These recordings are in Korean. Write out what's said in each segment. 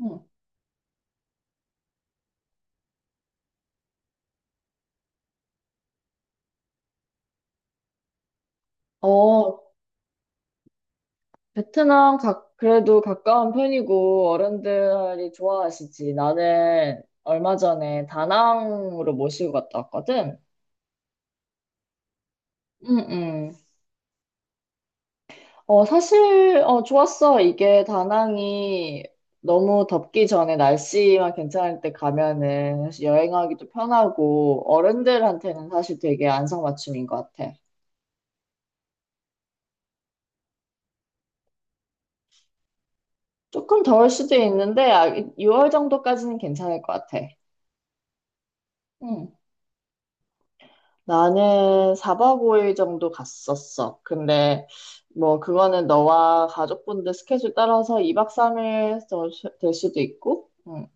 응. 어, 그래도 가까운 편이고 어른들이 좋아하시지. 나는 얼마 전에 다낭으로 모시고 갔다 왔거든. 응, 응. 사실, 좋았어. 이게 다낭이 너무 덥기 전에 날씨만 괜찮을 때 가면은 사실 여행하기도 편하고 어른들한테는 사실 되게 안성맞춤인 것 같아. 조금 더울 수도 있는데 6월 정도까지는 괜찮을 것 같아. 나는 4박 5일 정도 갔었어. 근데 뭐 그거는 너와 가족분들 스케줄 따라서 2박 3일 될 수도 있고. 응.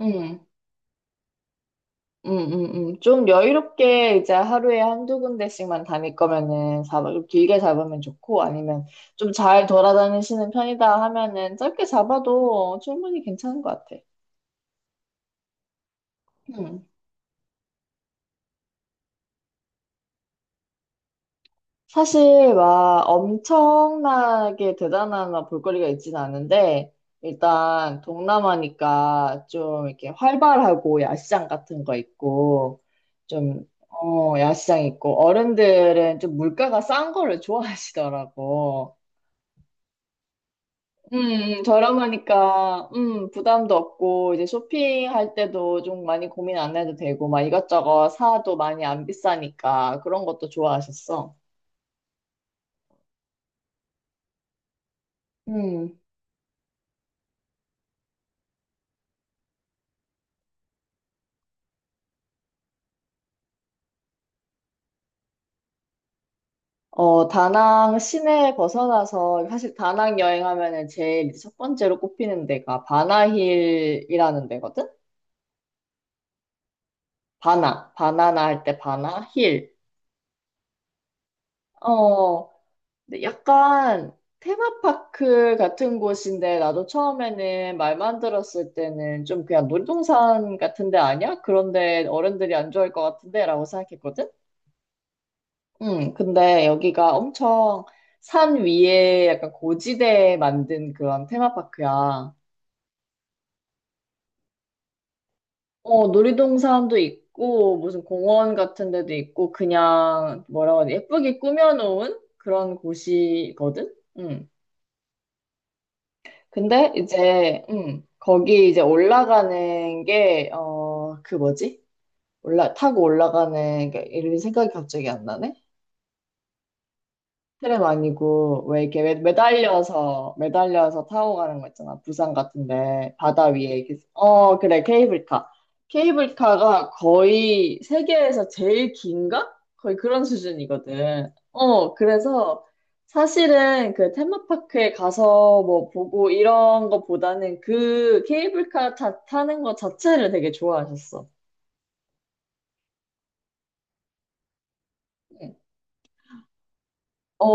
응. 응, 응, 응. 좀 여유롭게 이제 하루에 한두 군데씩만 다닐 거면은 4박 좀 길게 잡으면 좋고 아니면 좀 잘 돌아다니시는 편이다 하면은 짧게 잡아도 충분히 괜찮은 것 같아. 응. 사실 막 엄청나게 대단한 막 볼거리가 있진 않은데 일단 동남아니까 좀 이렇게 활발하고 야시장 같은 거 있고 좀 야시장 있고 어른들은 좀 물가가 싼 거를 좋아하시더라고. 저렴하니까 부담도 없고 이제 쇼핑할 때도 좀 많이 고민 안 해도 되고 막 이것저것 사도 많이 안 비싸니까 그런 것도 좋아하셨어. 다낭 시내 벗어나서, 사실 다낭 여행하면은 제일 이제 첫 번째로 꼽히는 데가 바나힐이라는 데거든? 바나나 할 때 바나, 힐. 어, 근데 약간 테마파크 같은 곳인데, 나도 처음에는 말만 들었을 때는 좀 그냥 놀이동산 같은 데 아니야? 그런데 어른들이 안 좋아할 것 같은데? 라고 생각했거든? 응, 근데 여기가 엄청 산 위에 약간 고지대에 만든 그런 테마파크야. 놀이동산도 있고, 무슨 공원 같은 데도 있고, 그냥, 뭐라고 하지, 예쁘게 꾸며놓은 그런 곳이거든? 음. 근데 이제, 거기 이제 올라가는 게, 그 뭐지? 타고 올라가는, 게 이름이 생각이 갑자기 안 나네? 트램 아니고 왜 이렇게 매달려서 타고 가는 거 있잖아. 부산 같은데 바다 위에 이렇게 그래, 케이블카가 거의 세계에서 제일 긴가? 거의 그런 수준이거든. 그래서 사실은 그 테마파크에 가서 뭐 보고 이런 거보다는 그 케이블카 타는 거 자체를 되게 좋아하셨어. 응. 어,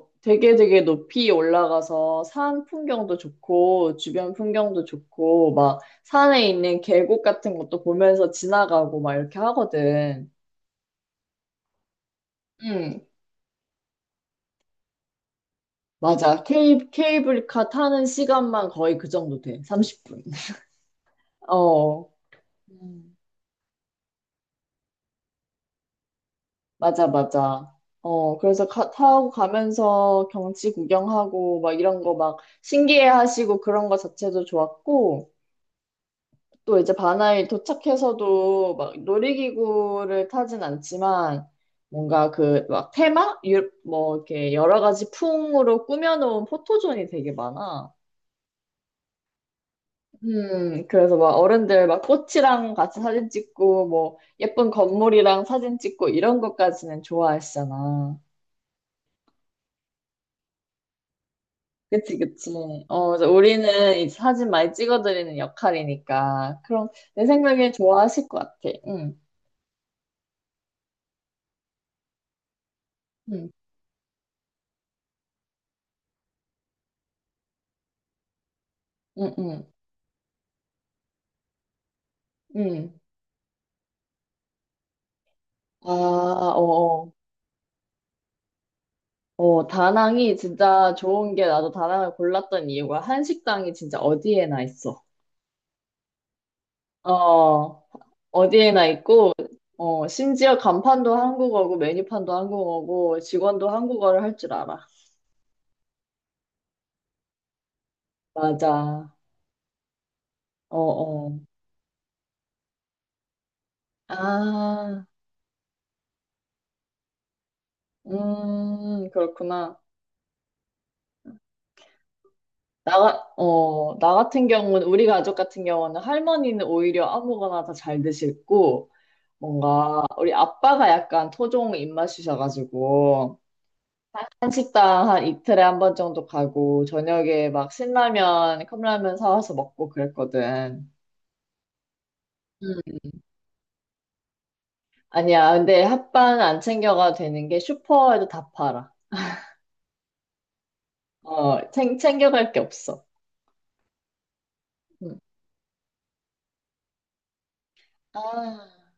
어, 되게 되게 높이 올라가서 산 풍경도 좋고, 주변 풍경도 좋고, 막 산에 있는 계곡 같은 것도 보면서 지나가고 막 이렇게 하거든. 응, 맞아. 케이블카 타는 시간만 거의 그 정도 돼. 30분. 어, 음. 맞아, 맞아. 그래서 타고 가면서 경치 구경하고 막 이런 거 막 신기해 하시고 그런 거 자체도 좋았고, 또 이제 바나에 도착해서도 막 놀이기구를 타진 않지만 뭔가 그 막 테마? 뭐 이렇게 여러 가지 풍으로 꾸며놓은 포토존이 되게 많아. 그래서 막 어른들 막 꽃이랑 같이 사진 찍고 뭐 예쁜 건물이랑 사진 찍고 이런 것까지는 좋아하시잖아. 그치, 그치. 그래서 우리는 이 사진 많이 찍어드리는 역할이니까. 그럼 내 생각에 좋아하실 것 같아. 응, 응, 응, 응, 응. 아, 어어. 다낭이 진짜 좋은 게 나도 다낭을 골랐던 이유가 한식당이 진짜 어디에나 있어. 어, 어디에나 있고, 심지어 간판도 한국어고, 메뉴판도 한국어고, 직원도 한국어를 할 줄 알아. 맞아. 어어. 아, 그렇구나. 나, 나 같은 경우는, 우리 가족 같은 경우는 할머니는 오히려 아무거나 다 잘 드시고, 뭔가 우리 아빠가 약간 토종 입맛이셔가지고 한식당 한 이틀에 한 번 정도 가고 저녁에 막 신라면, 컵라면 사와서 먹고 그랬거든. 음. 아니야, 근데 핫바는 안 챙겨가도 되는 게 슈퍼에도 다 팔아. 챙겨갈 게 없어. 음. 아.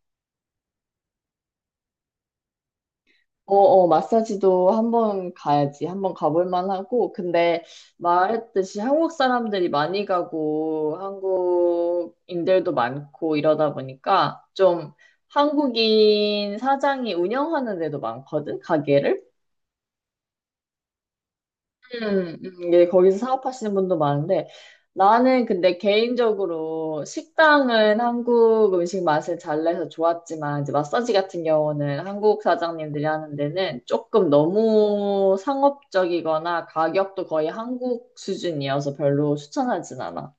마사지도 한번 가야지. 한번 가볼 만하고. 근데 말했듯이 한국 사람들이 많이 가고 한국인들도 많고 이러다 보니까 좀 한국인 사장이 운영하는 데도 많거든, 가게를. 예, 거기서 사업하시는 분도 많은데 나는 근데 개인적으로 식당은 한국 음식 맛을 잘 내서 좋았지만 이제 마사지 같은 경우는 한국 사장님들이 하는 데는 조금 너무 상업적이거나 가격도 거의 한국 수준이어서 별로 추천하진 않아.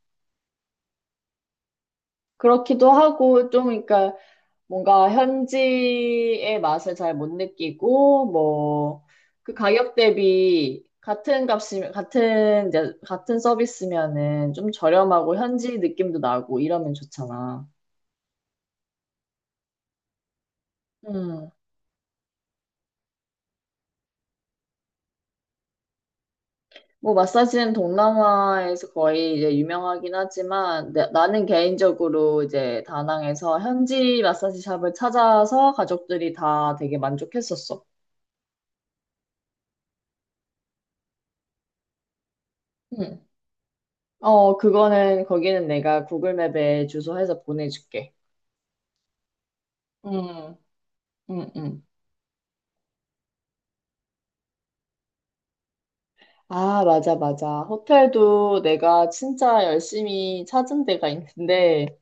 그렇기도 하고 좀 그러니까 뭔가 현지의 맛을 잘 못 느끼고 뭐 그 가격 대비 같은 값이 같은 이제 같은 서비스면은 좀 저렴하고 현지 느낌도 나고 이러면 좋잖아. 음. 뭐 마사지는 동남아에서 거의 이제 유명하긴 하지만 나는 개인적으로 이제 다낭에서 현지 마사지 샵을 찾아서 가족들이 다 되게 만족했었어. 음. 그거는 거기는 내가 구글 맵에 주소해서 보내줄게. 음, 음, 음. 아, 맞아, 맞아. 호텔도 내가 진짜 열심히 찾은 데가 있는데,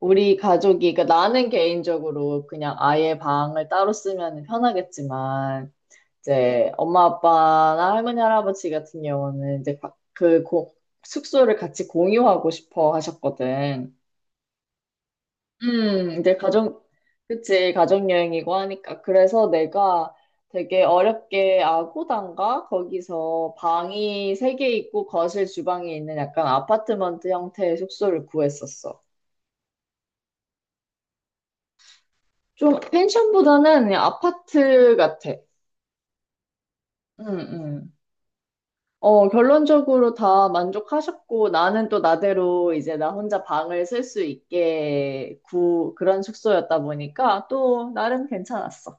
우리 가족이, 그러니까 나는 개인적으로 그냥 아예 방을 따로 쓰면 편하겠지만, 이제 엄마, 아빠나 할머니, 할아버지 같은 경우는 이제 숙소를 같이 공유하고 싶어 하셨거든. 음, 이제 가족, 그치, 가족여행이고 하니까. 그래서 내가 되게 어렵게 아고단가? 거기서 방이 3개 있고 거실 주방이 있는 약간 아파트먼트 형태의 숙소를 구했었어. 좀 펜션보다는 그냥 아파트 같아. 응, 응. 결론적으로 다 만족하셨고, 나는 또 나대로 이제 나 혼자 방을 쓸 수 있게 그런 숙소였다 보니까 또 나름 괜찮았어.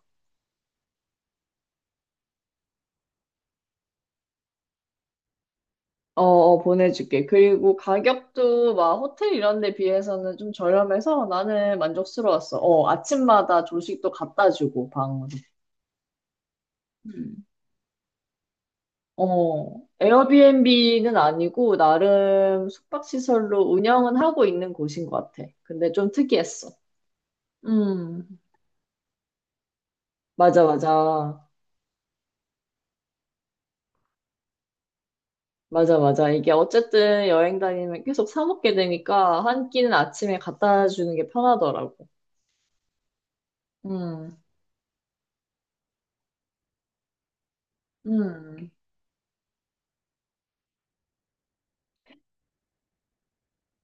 보내줄게. 그리고 가격도 막 호텔 이런 데 비해서는 좀 저렴해서 나는 만족스러웠어. 아침마다 조식도 갖다 주고, 방으로. 음. 에어비앤비는 아니고, 나름 숙박시설로 운영은 하고 있는 곳인 것 같아. 근데 좀 특이했어. 음, 맞아, 맞아. 맞아, 맞아. 이게 어쨌든 여행 다니면 계속 사 먹게 되니까 한 끼는 아침에 갖다 주는 게 편하더라고. 음, 음.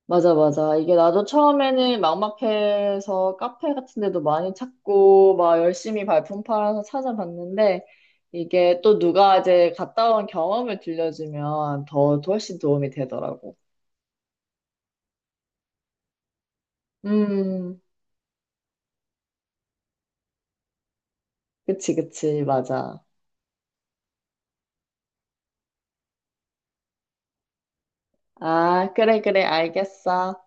맞아, 맞아. 이게 나도 처음에는 막막해서 카페 같은 데도 많이 찾고, 막 열심히 발품 팔아서 찾아봤는데, 이게 또 누가 이제 갔다 온 경험을 들려주면 더 훨씬 도움이 되더라고. 음, 그치, 그치, 맞아. 아, 그래, 그래, 알겠어.